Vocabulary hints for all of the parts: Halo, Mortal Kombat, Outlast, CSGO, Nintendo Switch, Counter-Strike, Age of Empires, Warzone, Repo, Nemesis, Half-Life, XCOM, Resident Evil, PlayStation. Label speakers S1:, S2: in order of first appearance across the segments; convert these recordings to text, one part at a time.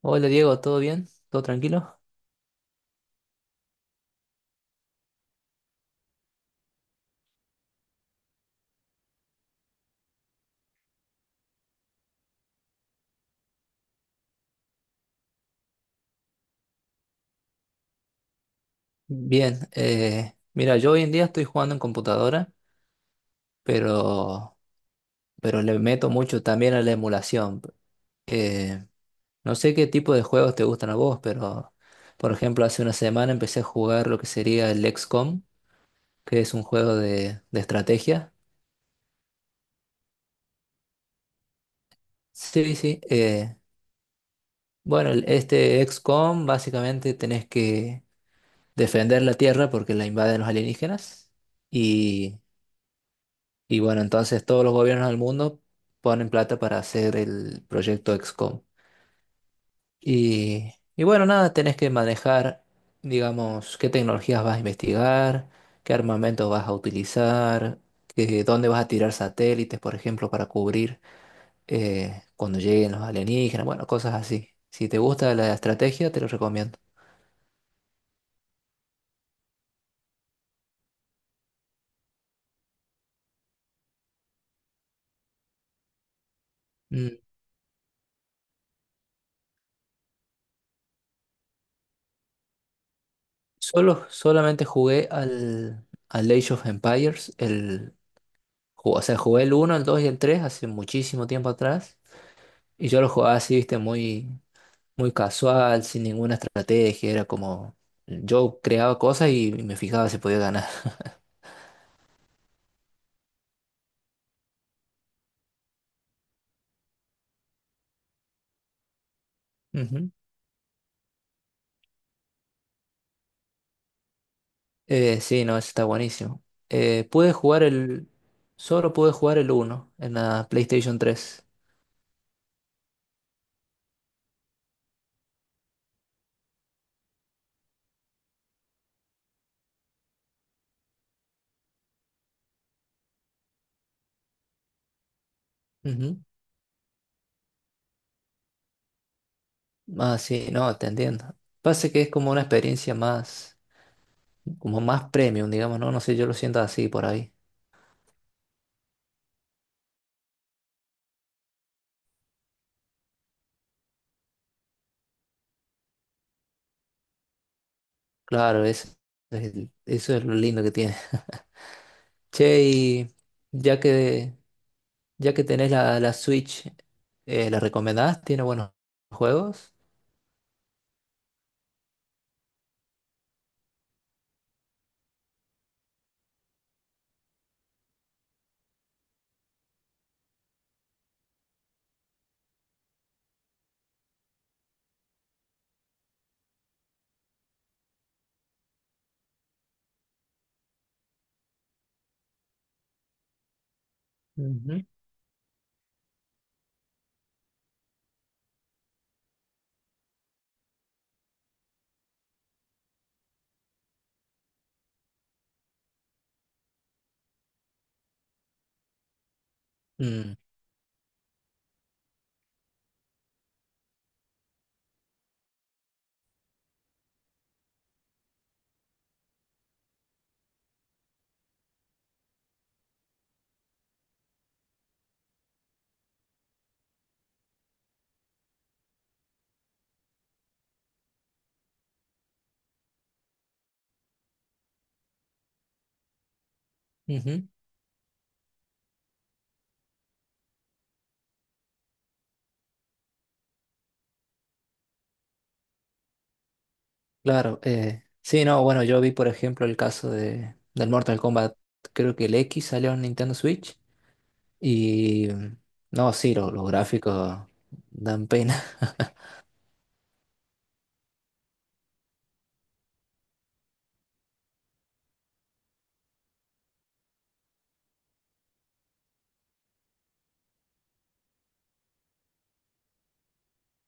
S1: Hola Diego, ¿todo bien? ¿Todo tranquilo? Bien, mira, yo hoy en día estoy jugando en computadora, pero, pero le meto mucho también a la emulación. Eh, no sé qué tipo de juegos te gustan a vos, pero por ejemplo, hace una semana empecé a jugar lo que sería el XCOM, que es un juego de estrategia. Sí, sí. Bueno, este XCOM básicamente tenés que defender la Tierra porque la invaden los alienígenas. Y bueno, entonces todos los gobiernos del mundo ponen plata para hacer el proyecto XCOM. Y bueno, nada, tenés que manejar, digamos, qué tecnologías vas a investigar, qué armamento vas a utilizar, dónde vas a tirar satélites, por ejemplo, para cubrir cuando lleguen los alienígenas, bueno, cosas así. Si te gusta la estrategia, te lo recomiendo. Mm, solamente jugué al Age of Empires, o sea, jugué el uno el 2 y el 3 hace muchísimo tiempo atrás. Y yo lo jugaba así, viste, muy, muy casual, sin ninguna estrategia. Era como. Yo creaba cosas y me fijaba si podía ganar. Ujú. Sí, no, eso está buenísimo. Pude jugar el. Solo pude jugar el uno en la PlayStation 3. Ujú. Ah, sí, no, te entiendo. Pasa que es como una experiencia más. Como más premium, digamos, ¿no? No sé, yo lo siento así por ahí. Claro, eso es, eso es lo lindo que tiene. Che, y ya que, ya que tenés la Switch, ¿la recomendás? ¿Tiene buenos juegos? Ujú. Mm, ujú. Claro, sí, no, bueno, yo vi por ejemplo el caso del Mortal Kombat, creo que el X salió en Nintendo Switch y no, sí, los gráficos dan pena,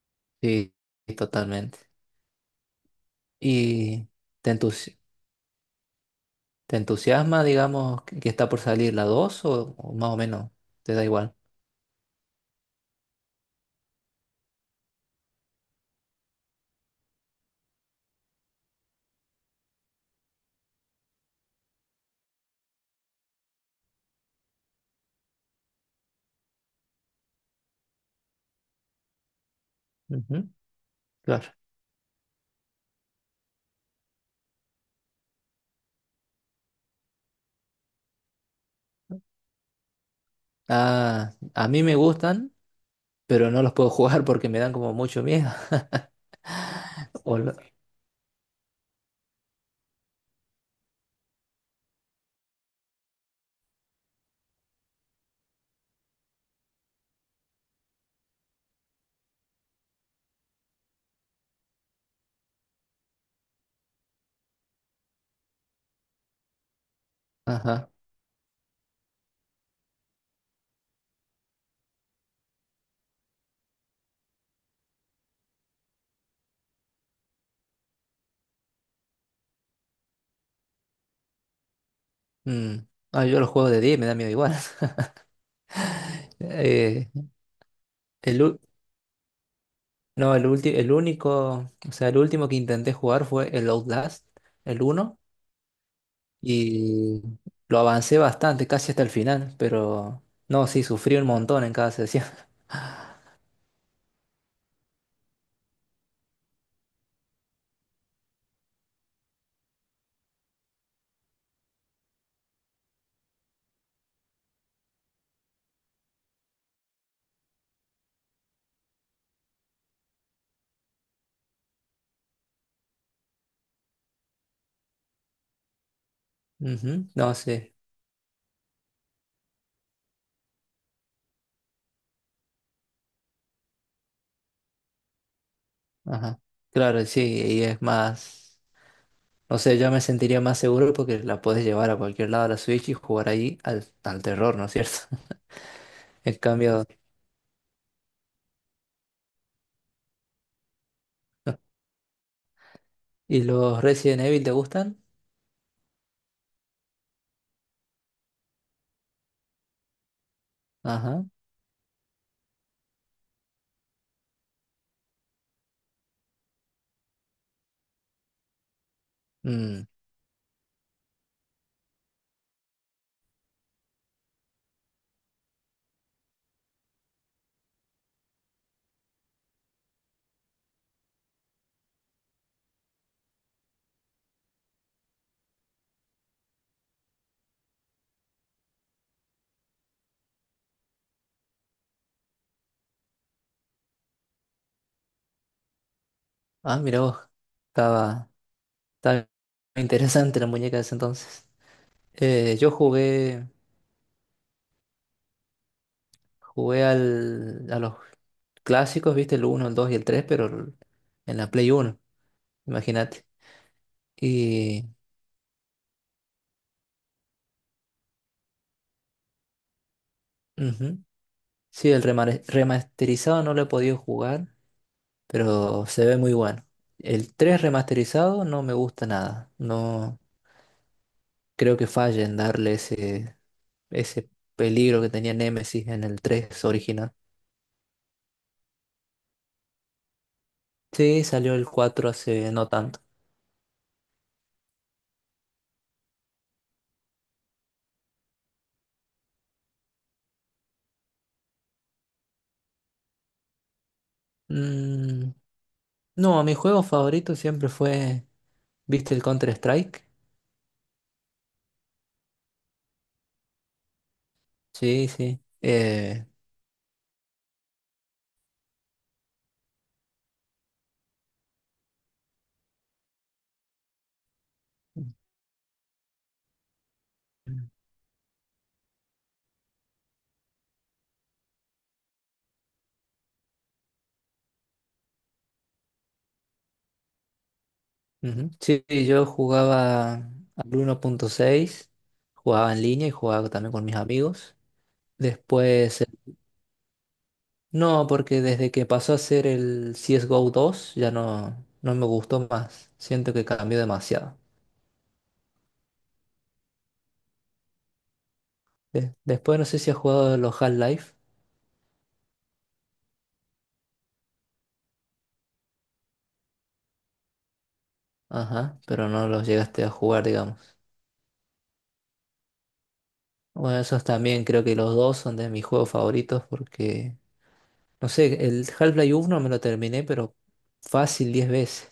S1: sí, totalmente. ¿Y te entusi- te entusiasma, digamos, que está por salir la 2 o, más o menos te da igual? Ujú, claro. Ah, a mí me gustan, pero no los puedo jugar porque me dan como mucho miedo. O lo- Ajá. Mm. Ah, yo los juego de 10 y me da miedo igual. Eh, el, u- no, el único, o sea, el último que intenté jugar fue el Outlast, el uno, y lo avancé bastante, casi hasta el final, pero no, sí, sufrí un montón en cada sesión. Ujú, no, sí. Ajá. Claro, sí, y es más. No sé, yo me sentiría más seguro porque la puedes llevar a cualquier lado a la Switch y jugar ahí al terror, ¿no es cierto? En cambio, ¿y los Resident Evil te gustan? Ajá. Mm. Ah, mira vos. Estaba, estaba interesante la muñeca de ese entonces. Yo jugué a los clásicos, viste, el uno el 2 y el tres, pero en la Play uno, imagínate. Y ujú. Sí, el remasterizado no lo he podido jugar. Pero se ve muy bueno. El 3 remasterizado no me gusta nada. No creo que falle en darle ese, ese peligro que tenía Nemesis en el tres original. Sí, salió el cuatro hace no tanto. Mm, no, mi juego favorito siempre fue, ¿viste el Counter-Strike? Sí, sí. Ujú. Sí, yo jugaba al 1.6, jugaba en línea y jugaba también con mis amigos. Después, no, porque desde que pasó a ser el CSGO 2 ya no me gustó más. Siento que cambió demasiado. Después no sé si has jugado los Half-Life. Ajá, pero no los llegaste a jugar, digamos. Bueno, esos también creo que los dos son de mis juegos favoritos porque, no sé, el Half-Life uno me lo terminé, pero fácil 10 veces.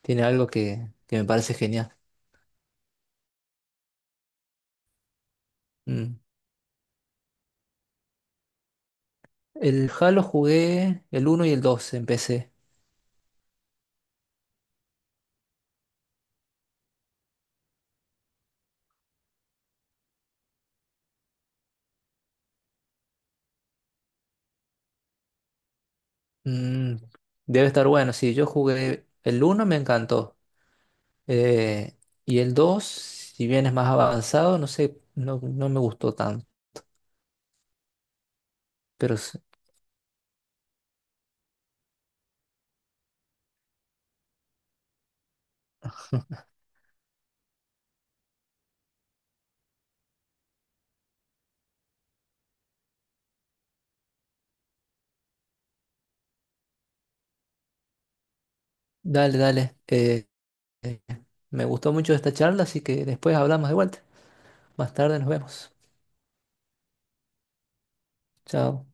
S1: Tiene algo que me parece genial. Mm. El Halo jugué el uno y el 2 empecé. Mm, debe estar bueno. Sí, yo jugué el uno, me encantó. Eh, y el dos, si bien es más avanzado, no sé, no me gustó tanto. Pero s- dale, dale. Eh, me gustó mucho esta charla, así que después hablamos de vuelta. Más tarde nos vemos. Chao.